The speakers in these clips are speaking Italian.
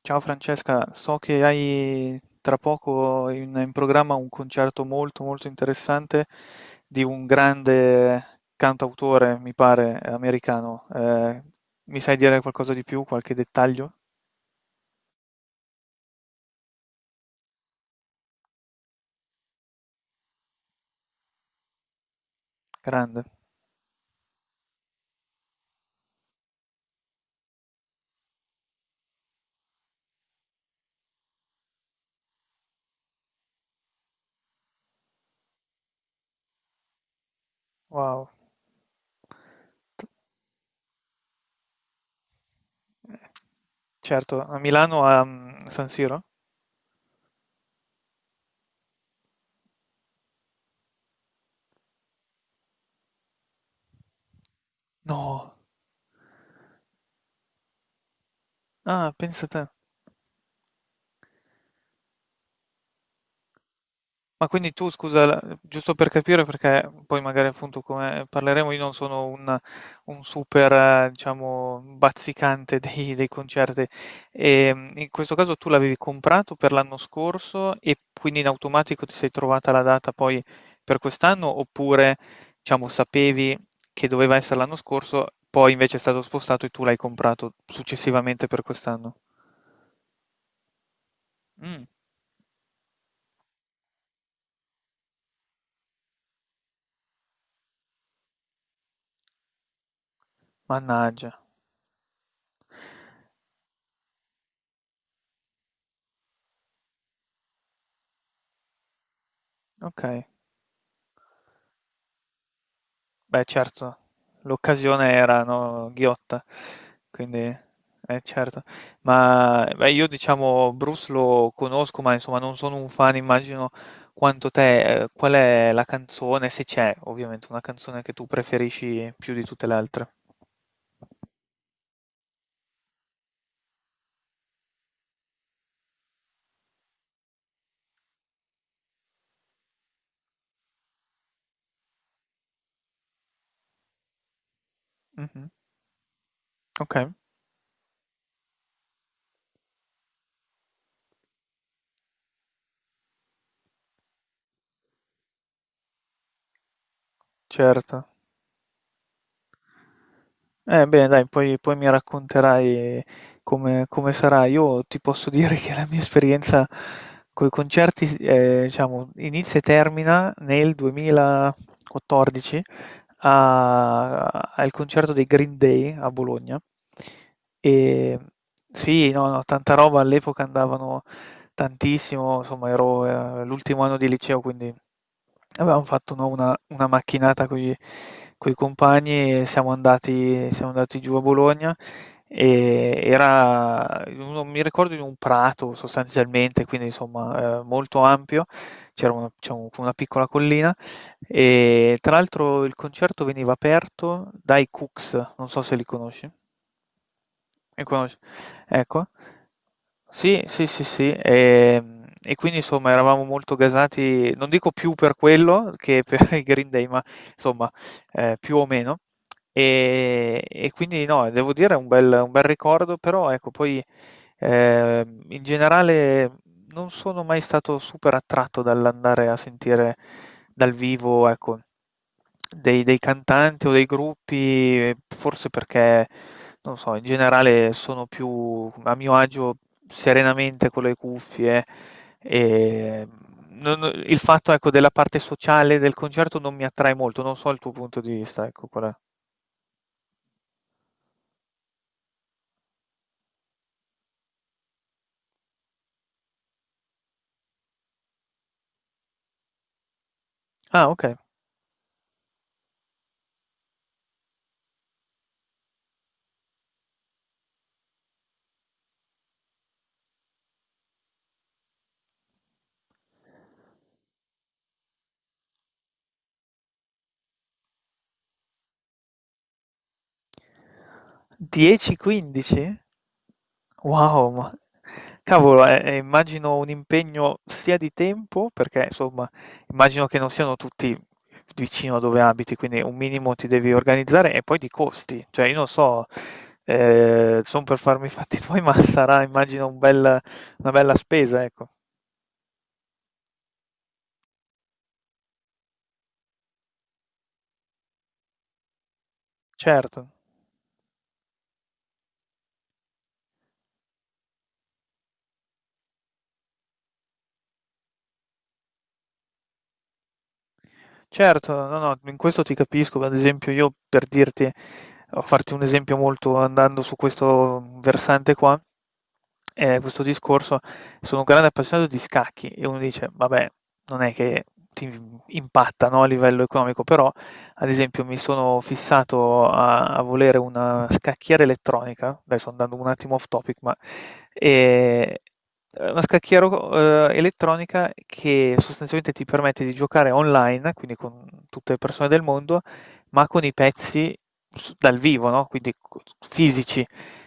Ciao Francesca, so che hai tra poco in programma un concerto molto molto interessante di un grande cantautore, mi pare, americano. Mi sai dire qualcosa di più, qualche dettaglio? Grande. Wow. Certo, a Milano a San Siro? No. Ah, pensa te. Ma quindi tu, scusa, giusto per capire, perché poi magari appunto come parleremo, io non sono un super, diciamo, bazzicante dei concerti. E, in questo caso tu l'avevi comprato per l'anno scorso e quindi in automatico ti sei trovata la data poi per quest'anno, oppure, diciamo, sapevi che doveva essere l'anno scorso, poi invece è stato spostato e tu l'hai comprato successivamente per quest'anno? Mm, mannaggia, ok. Beh certo, l'occasione era, no, ghiotta, quindi eh certo. Ma, beh io diciamo Bruce lo conosco, ma insomma non sono un fan, immagino quanto te. Qual è la canzone, se c'è ovviamente, una canzone che tu preferisci più di tutte le altre? Mh-mh, okay, certo. Bene, dai, poi mi racconterai come sarà. Io ti posso dire che la mia esperienza con i concerti, diciamo, inizia e termina nel 2014 a- al concerto dei Green Day a Bologna. E sì, no, no, tanta roba, all'epoca andavano tantissimo, insomma, ero, l'ultimo anno di liceo, quindi avevamo fatto no, una macchinata con i compagni e siamo andati giù a Bologna e era, non mi ricordo, in un prato sostanzialmente, quindi insomma molto ampio, c'era una, una piccola collina e tra l'altro il concerto veniva aperto dai Cooks, non so se li conosci. Li conosci? Ecco, sì. E, quindi insomma eravamo molto gasati, non dico più per quello che per i Green Day, ma insomma più o meno. E quindi no, devo dire è un bel ricordo, però ecco, poi in generale non sono mai stato super attratto dall'andare a sentire dal vivo, ecco dei cantanti o dei gruppi, forse perché, non lo so, in generale sono più a mio agio serenamente con le cuffie, ehm, non il fatto, ecco, della parte sociale del concerto non mi attrae molto, non so il tuo punto di vista, ecco qual è. Ah, okay. 10-15? Wow, ma cavolo, immagino un impegno sia di tempo, perché insomma, immagino che non siano tutti vicino a dove abiti, quindi un minimo ti devi organizzare e poi di costi. Cioè, io non so, sono per farmi i fatti tuoi, ma sarà, immagino, una bella spesa, ecco. Certo. Certo, no, no, in questo ti capisco. Ad esempio io per dirti a farti un esempio molto andando su questo versante qua, questo discorso, sono un grande appassionato di scacchi e uno dice: "Vabbè, non è che ti impatta, no, a livello economico", però ad esempio mi sono fissato a volere una scacchiera elettronica, adesso andando un attimo off topic, ma ehm una scacchiera o elettronica che sostanzialmente ti permette di giocare online, quindi con tutte le persone del mondo, ma con i pezzi s dal vivo, no, quindi co fisici.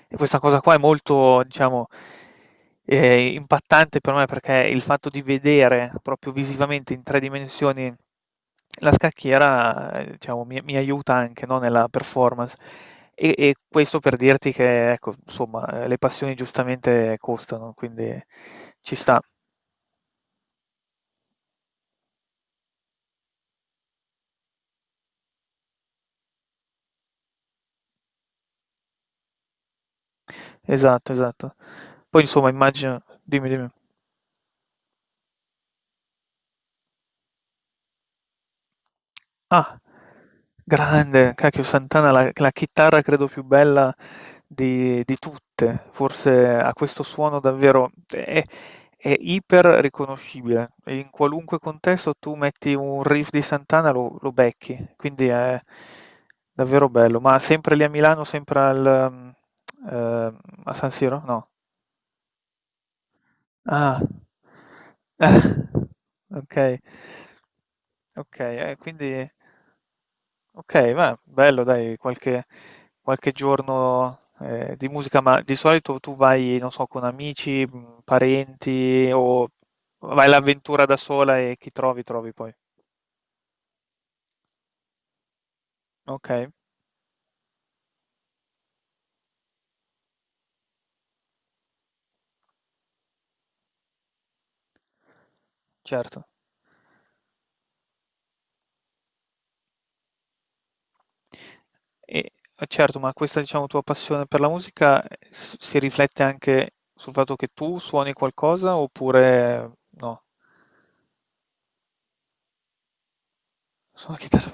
E questa cosa qua è molto, diciamo, impattante per me perché il fatto di vedere proprio visivamente in 3 dimensioni la scacchiera, diciamo, mi aiuta anche, no, nella performance. E questo per dirti che, ecco, insomma, le passioni giustamente costano, quindi ci sta. Esatto, esatto. Poi insomma immagino dimmi, dimmi. Ah, grande, cacchio Santana, la chitarra credo più bella di tutte, forse ha questo suono davvero, è iper riconoscibile, in qualunque contesto tu metti un riff di Santana lo becchi, quindi è davvero bello, ma sempre lì a Milano, sempre al, ehm, a San Siro? No. Ah, ok, ok, quindi... Ok, ma bello, dai, qualche, qualche giorno di musica, ma di solito tu vai, non so, con amici, parenti o vai all'avventura da sola e chi trovi, trovi poi. Ok, certo. E, certo, ma questa, diciamo, tua passione per la musica si riflette anche sul fatto che tu suoni qualcosa oppure no? Suona chitarra.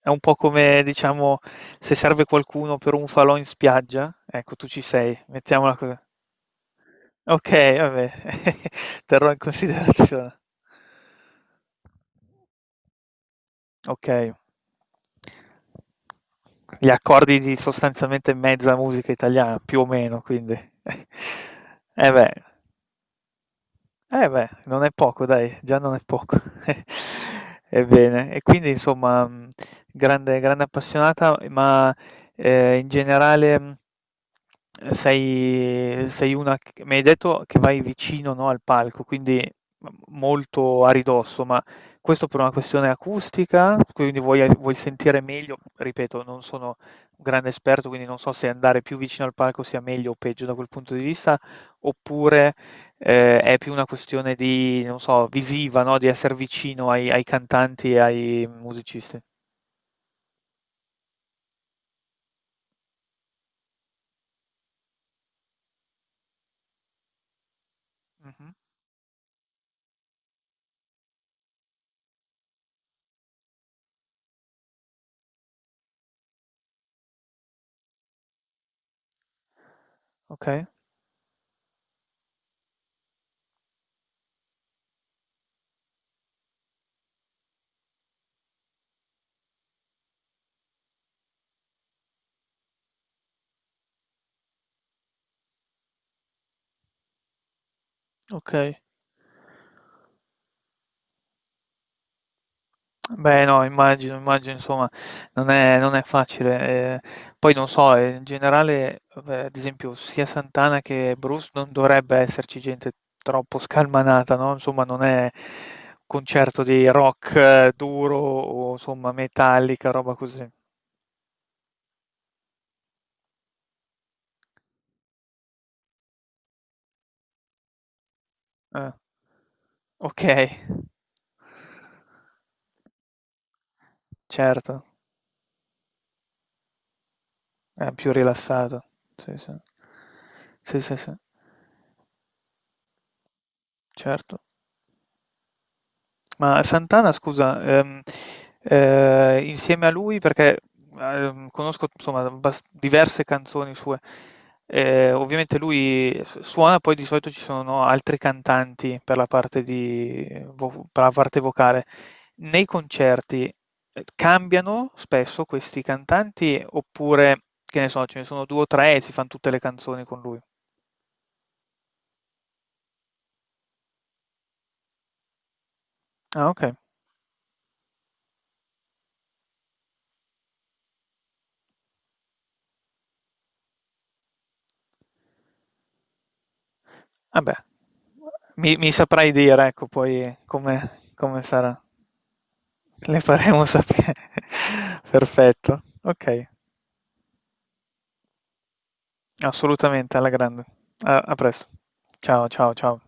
È un po' come, diciamo, se serve qualcuno per un falò in spiaggia, ecco tu ci sei, mettiamola così. Okay, vabbè, terrò in considerazione. Okay. Gli accordi di sostanzialmente mezza musica italiana, più o meno, quindi. Eh beh. Eh beh, non è poco dai, già non è poco. Ebbene, e quindi insomma, grande, grande appassionata, ma in generale sei, sei una, mi hai detto che vai vicino, no, al palco, quindi molto a ridosso, ma questo per una questione acustica, quindi vuoi, vuoi sentire meglio, ripeto, non sono un grande esperto, quindi non so se andare più vicino al palco sia meglio o peggio da quel punto di vista, oppure è più una questione di, non so, visiva, no, di esser vicino ai cantanti e ai musicisti. Mh-mh. Okay, okay. Beh, no, immagino, immagino insomma non è facile. Poi non so, in generale, vabbè, ad esempio sia Santana che Bruce non dovrebbe esserci gente troppo scalmanata, no, insomma non è un concerto di rock duro o insomma metallica, roba così. Eh, okay, certo. Più rilassato. Sì, sì. Sì, sì, sì, certo. Ma Santana, scusa, insieme a lui, perché conosco insomma diverse canzoni sue, ovviamente lui suona, poi di solito ci sono no, altri cantanti per la parte di, per la parte vocale. Nei concerti cambiano spesso questi cantanti oppure, che ne so, ce ne sono due o tre e si fanno tutte le canzoni con lui? Ah, ok. Vabbè, mi saprai dire, ecco, poi come, come sarà. Le faremo sapere. Perfetto. Ok, assolutamente, alla grande. A presto. Ciao, ciao, ciao.